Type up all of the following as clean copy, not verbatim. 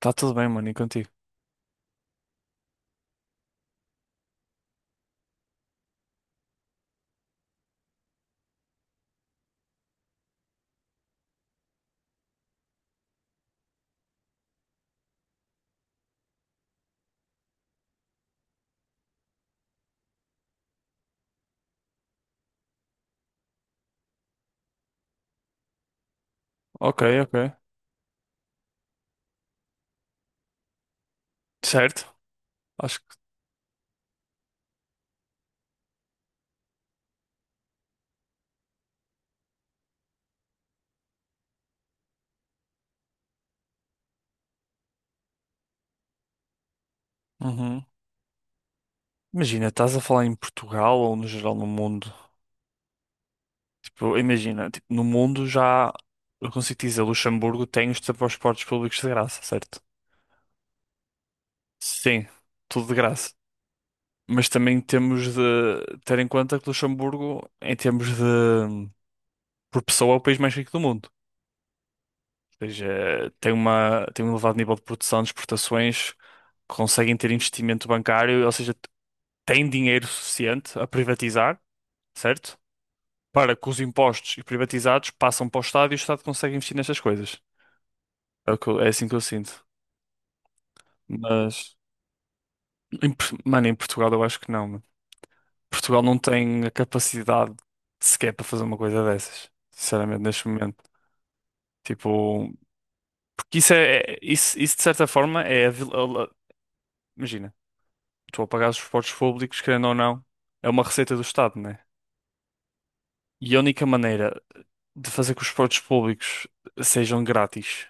Tá tudo bem, mano, e contigo? Ok, ok. Certo? Acho que. Uhum. Imagina, estás a falar em Portugal ou no geral no mundo? Tipo, imagina, tipo, no mundo já. Eu consigo dizer, Luxemburgo tem os transportes públicos de graça, certo? Sim, tudo de graça. Mas também temos de ter em conta que Luxemburgo, em termos de. Por pessoa, é o país mais rico do mundo. Ou seja, tem um elevado nível de produção, de exportações, conseguem ter investimento bancário, ou seja. Tem dinheiro suficiente a privatizar, certo? Para que os impostos e privatizados passam para o Estado e o Estado consegue investir nestas coisas. É, é assim que eu sinto. Mas, mano, em Portugal eu acho que não, mano. Portugal não tem a capacidade sequer para fazer uma coisa dessas. Sinceramente, neste momento. Tipo, porque isso é, isso de certa forma é a, vil- a- imagina, tu a pagar os esportes públicos, querendo ou não, é uma receita do Estado, né? E a única maneira de fazer que os esportes públicos sejam grátis.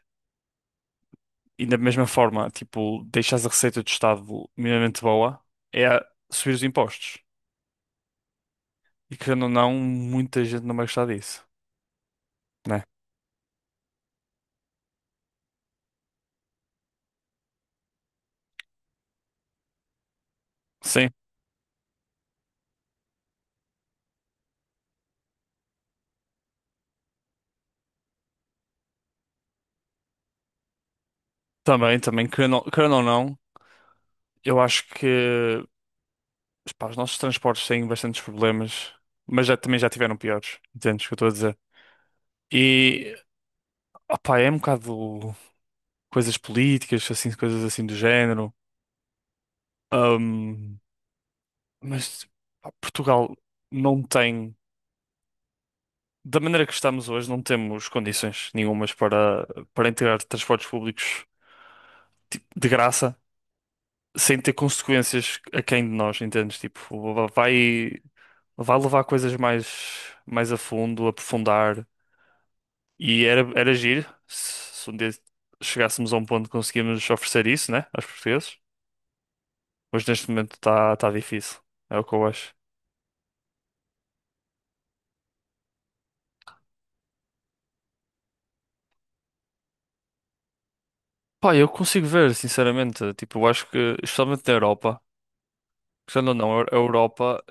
E da mesma forma, tipo, deixares a receita do Estado minimamente boa, é a subir os impostos. E querendo ou não, muita gente não vai gostar disso, né? Sim, também, querendo ou não, eu acho que, pá, os nossos transportes têm bastantes problemas, mas já, também já tiveram piores, entendes o que eu estou a dizer? E, opá, é um bocado coisas políticas, assim, coisas assim do género. Ahm, mas, pá, Portugal não tem, da maneira que estamos hoje, não temos condições nenhumas para, para integrar transportes públicos tipo, de graça, sem ter consequências a quem de nós, entendes? Tipo, vai, vai levar coisas mais, mais a fundo, aprofundar. E era giro se um dia chegássemos a um ponto que conseguíamos oferecer isso, né, aos portugueses. Mas neste momento está tá tá difícil. É o que eu acho. Pá, eu consigo ver, sinceramente. Tipo, eu acho que, especialmente na Europa, querendo ou não, a Europa.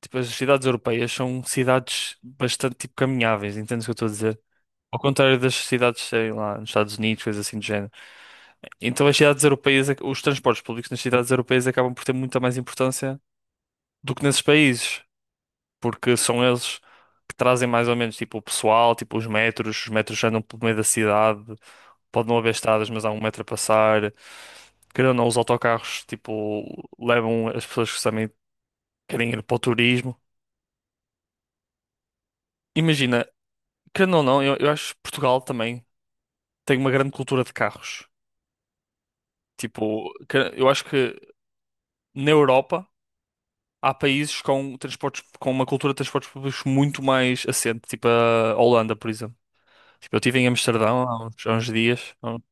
Tipo, as cidades europeias são cidades bastante tipo caminháveis, entendes o que eu estou a dizer? Ao contrário das cidades, sei lá, nos Estados Unidos, coisas assim do género. Então as cidades europeias, os transportes públicos nas cidades europeias acabam por ter muita mais importância do que nesses países, porque são eles que trazem mais ou menos tipo o pessoal, tipo os metros andam pelo meio da cidade, pode não haver estradas, mas há um metro a passar. Querendo ou não, os autocarros tipo levam as pessoas que também querem ir para o turismo. Imagina, querendo ou não, eu acho que Portugal também tem uma grande cultura de carros. Tipo, eu acho que na Europa há países com transportes, com uma cultura de transportes públicos muito mais assente, tipo a Holanda, por exemplo. Tipo, eu estive em Amsterdão há uns dias.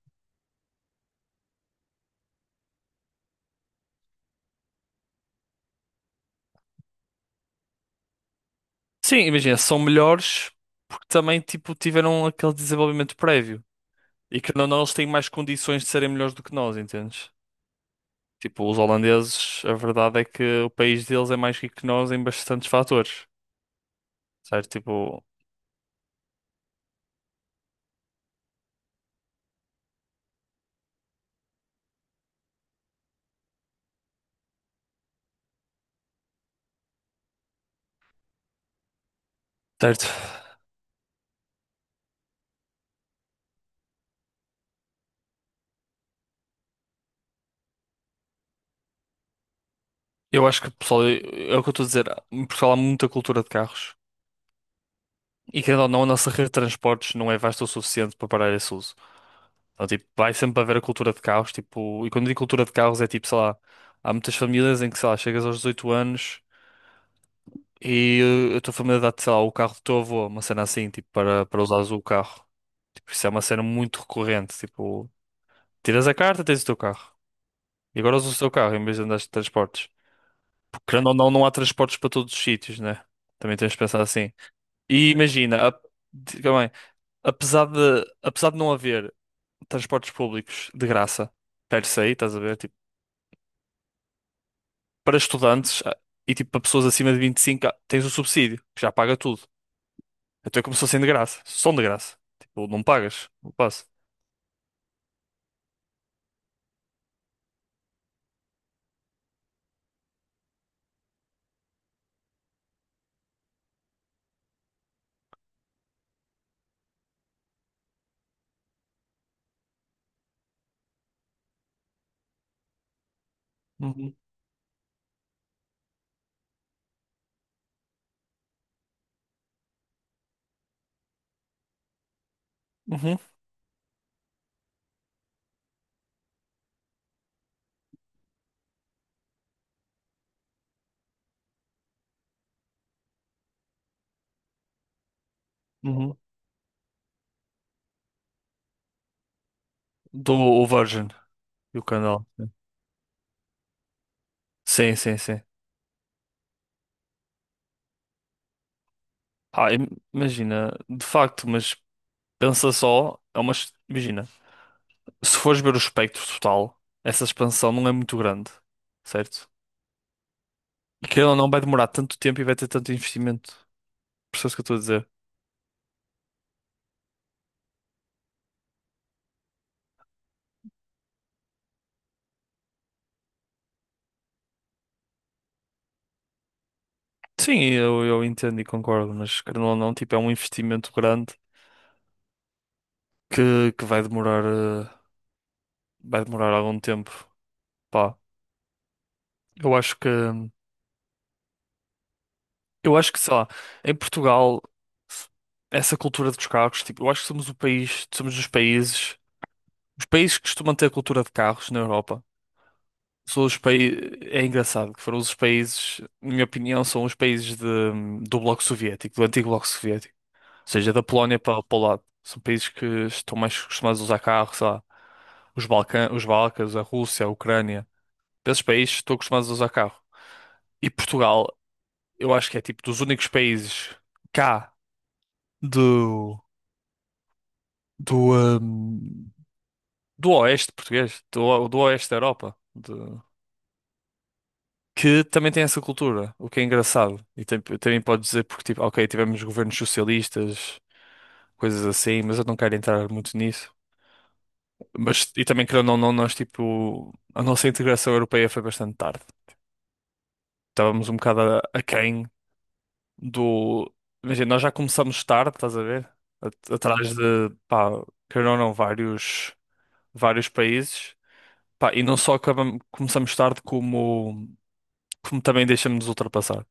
Sim, imagina, são melhores porque também tipo, tiveram aquele desenvolvimento prévio. E que não, não, eles têm mais condições de serem melhores do que nós, entendes? Tipo, os holandeses, a verdade é que o país deles é mais rico que nós em bastantes fatores. Certo? Tipo, certo. Eu acho que, pessoal, é o que eu estou a dizer. Em Portugal há muita cultura de carros. E querendo ou não, a nossa rede de transportes não é vasta o suficiente para parar esse uso. Então, tipo, vai sempre haver a cultura de carros. Tipo, e quando digo cultura de carros é tipo, sei lá, há muitas famílias em que, sei lá, chegas aos 18 anos e a tua família dá-te, sei lá, o carro do teu avô, uma cena assim, tipo, para usares o carro. Tipo, isso é uma cena muito recorrente. Tipo, tiras a carta, tens o teu carro. E agora usas o teu carro em vez de andares de transportes. Porque, querendo ou não, não há transportes para todos os sítios, né? Também tens de pensar assim. E imagina, diga bem, apesar de não haver transportes públicos de graça, per se, estás a ver? Tipo, para estudantes e tipo para pessoas acima de 25, tens o subsídio, que já paga tudo. Até começou sendo de graça, são de graça. Tipo, não pagas, não passa. Uhum, uhum, uhum. Do o Virgin e o canal. Sim, sim, sim. Ah, imagina, de facto, mas pensa só, é uma, imagina, se fores ver o espectro total, essa expansão não é muito grande, certo? Aquilo ou não vai demorar tanto tempo e vai ter tanto investimento. Percebes o que eu estou a dizer? Sim, eu entendo e concordo, mas querendo ou não, tipo, é um investimento grande que vai demorar algum tempo. Pá, eu acho que, eu acho que, sei lá, em Portugal, essa cultura dos carros, tipo, eu acho que somos os países que costumam ter a cultura de carros na Europa. São os países, é engraçado que foram os países, na minha opinião, são os países do Bloco Soviético, do antigo Bloco Soviético, seja da Polónia para o lado. São países que estão mais acostumados a usar carros, sei lá, os Balcãs, a Rússia, a Ucrânia. Para esses países estão acostumados a usar carro. E Portugal, eu acho que é tipo dos únicos países cá do do hum, do oeste português, do oeste da Europa, que também tem essa cultura, o que é engraçado. E também pode dizer porque tipo, ok, tivemos governos socialistas, coisas assim, mas eu não quero entrar muito nisso. Mas, e também, querendo ou não, nós, tipo, a nossa integração europeia foi bastante tarde. Estávamos um bocado aquém do. Imagina, nós já começamos tarde, estás a ver? Atrás de, pá, querendo ou não, vários países. Pá, e não só acabamos, começamos tarde, como também deixamos-nos ultrapassar.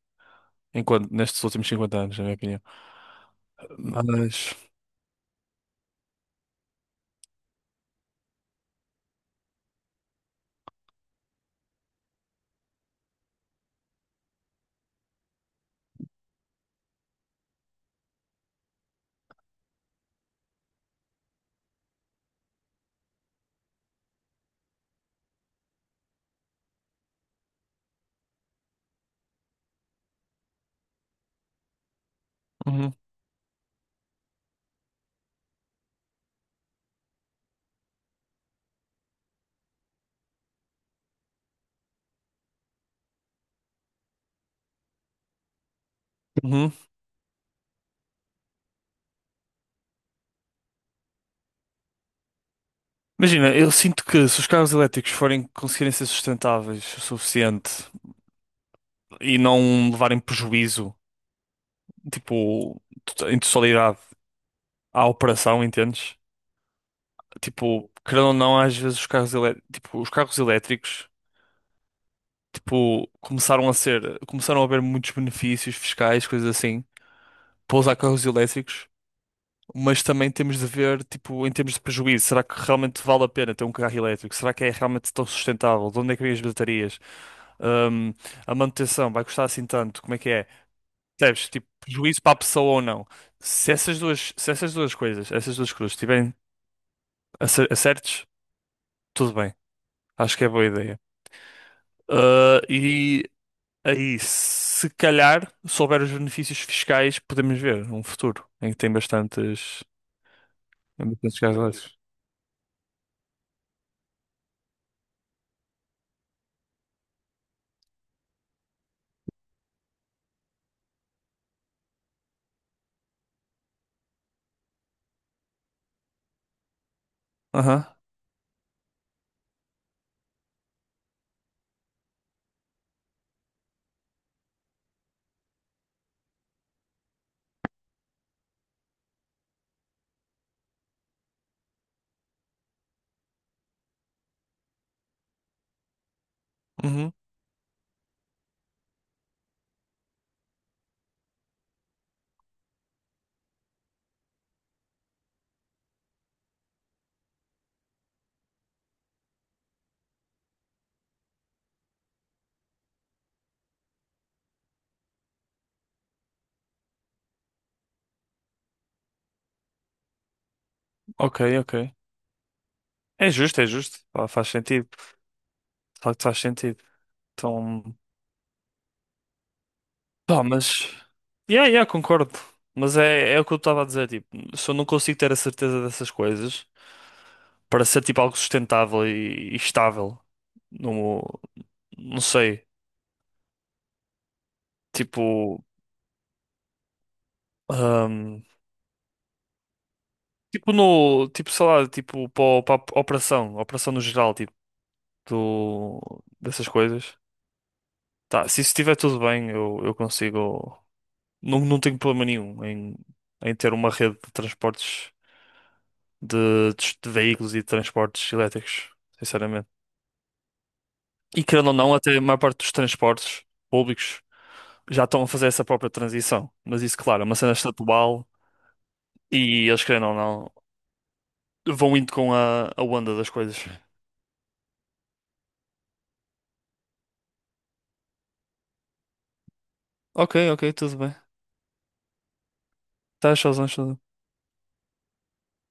Enquanto, nestes últimos 50 anos, na minha opinião. Mas. Uhum, uhum. Imagina, eu sinto que se os carros elétricos forem conseguirem ser sustentáveis o suficiente e não levarem prejuízo tipo, em totalidade à operação, entendes? Tipo, querendo ou não, às vezes tipo, os carros elétricos, tipo, começaram a haver muitos benefícios fiscais, coisas assim, para usar carros elétricos, mas também temos de ver, tipo, em termos de prejuízo, será que realmente vale a pena ter um carro elétrico? Será que é realmente tão sustentável? De onde é que vêm as baterias? Ahm, a manutenção vai custar assim tanto? Como é que é? Percebes? Tipo, prejuízo para a pessoa ou não? Se essas duas coisas, essas duas cruzes estiverem acertes, tudo bem. Acho que é boa ideia. Ah, e aí, se calhar, se houver os benefícios fiscais, podemos ver um futuro em que tem bastantes gasolinas. Aham, uhum, ok, ok. É justo, é justo. Pá, faz sentido. De facto, faz sentido. Então, pá, mas. Yeah, yeah, concordo. Mas é o que eu estava a dizer. Tipo, se eu não consigo ter a certeza dessas coisas para ser tipo algo sustentável e estável, não, não sei. Tipo, ahm, tipo no, tipo, sei lá, tipo para a operação, operação no geral, tipo, do, dessas coisas. Tá, se isso estiver tudo bem, eu consigo, não, não tenho problema nenhum em, ter uma rede de transportes de veículos e de transportes elétricos, sinceramente. E querendo ou não, até a maior parte dos transportes públicos já estão a fazer essa própria transição. Mas isso, claro, é uma cena estatual e eles, querendo ou não, vão indo com a onda das coisas. Ok, ok, tudo bem. Tá, showzão, showzão.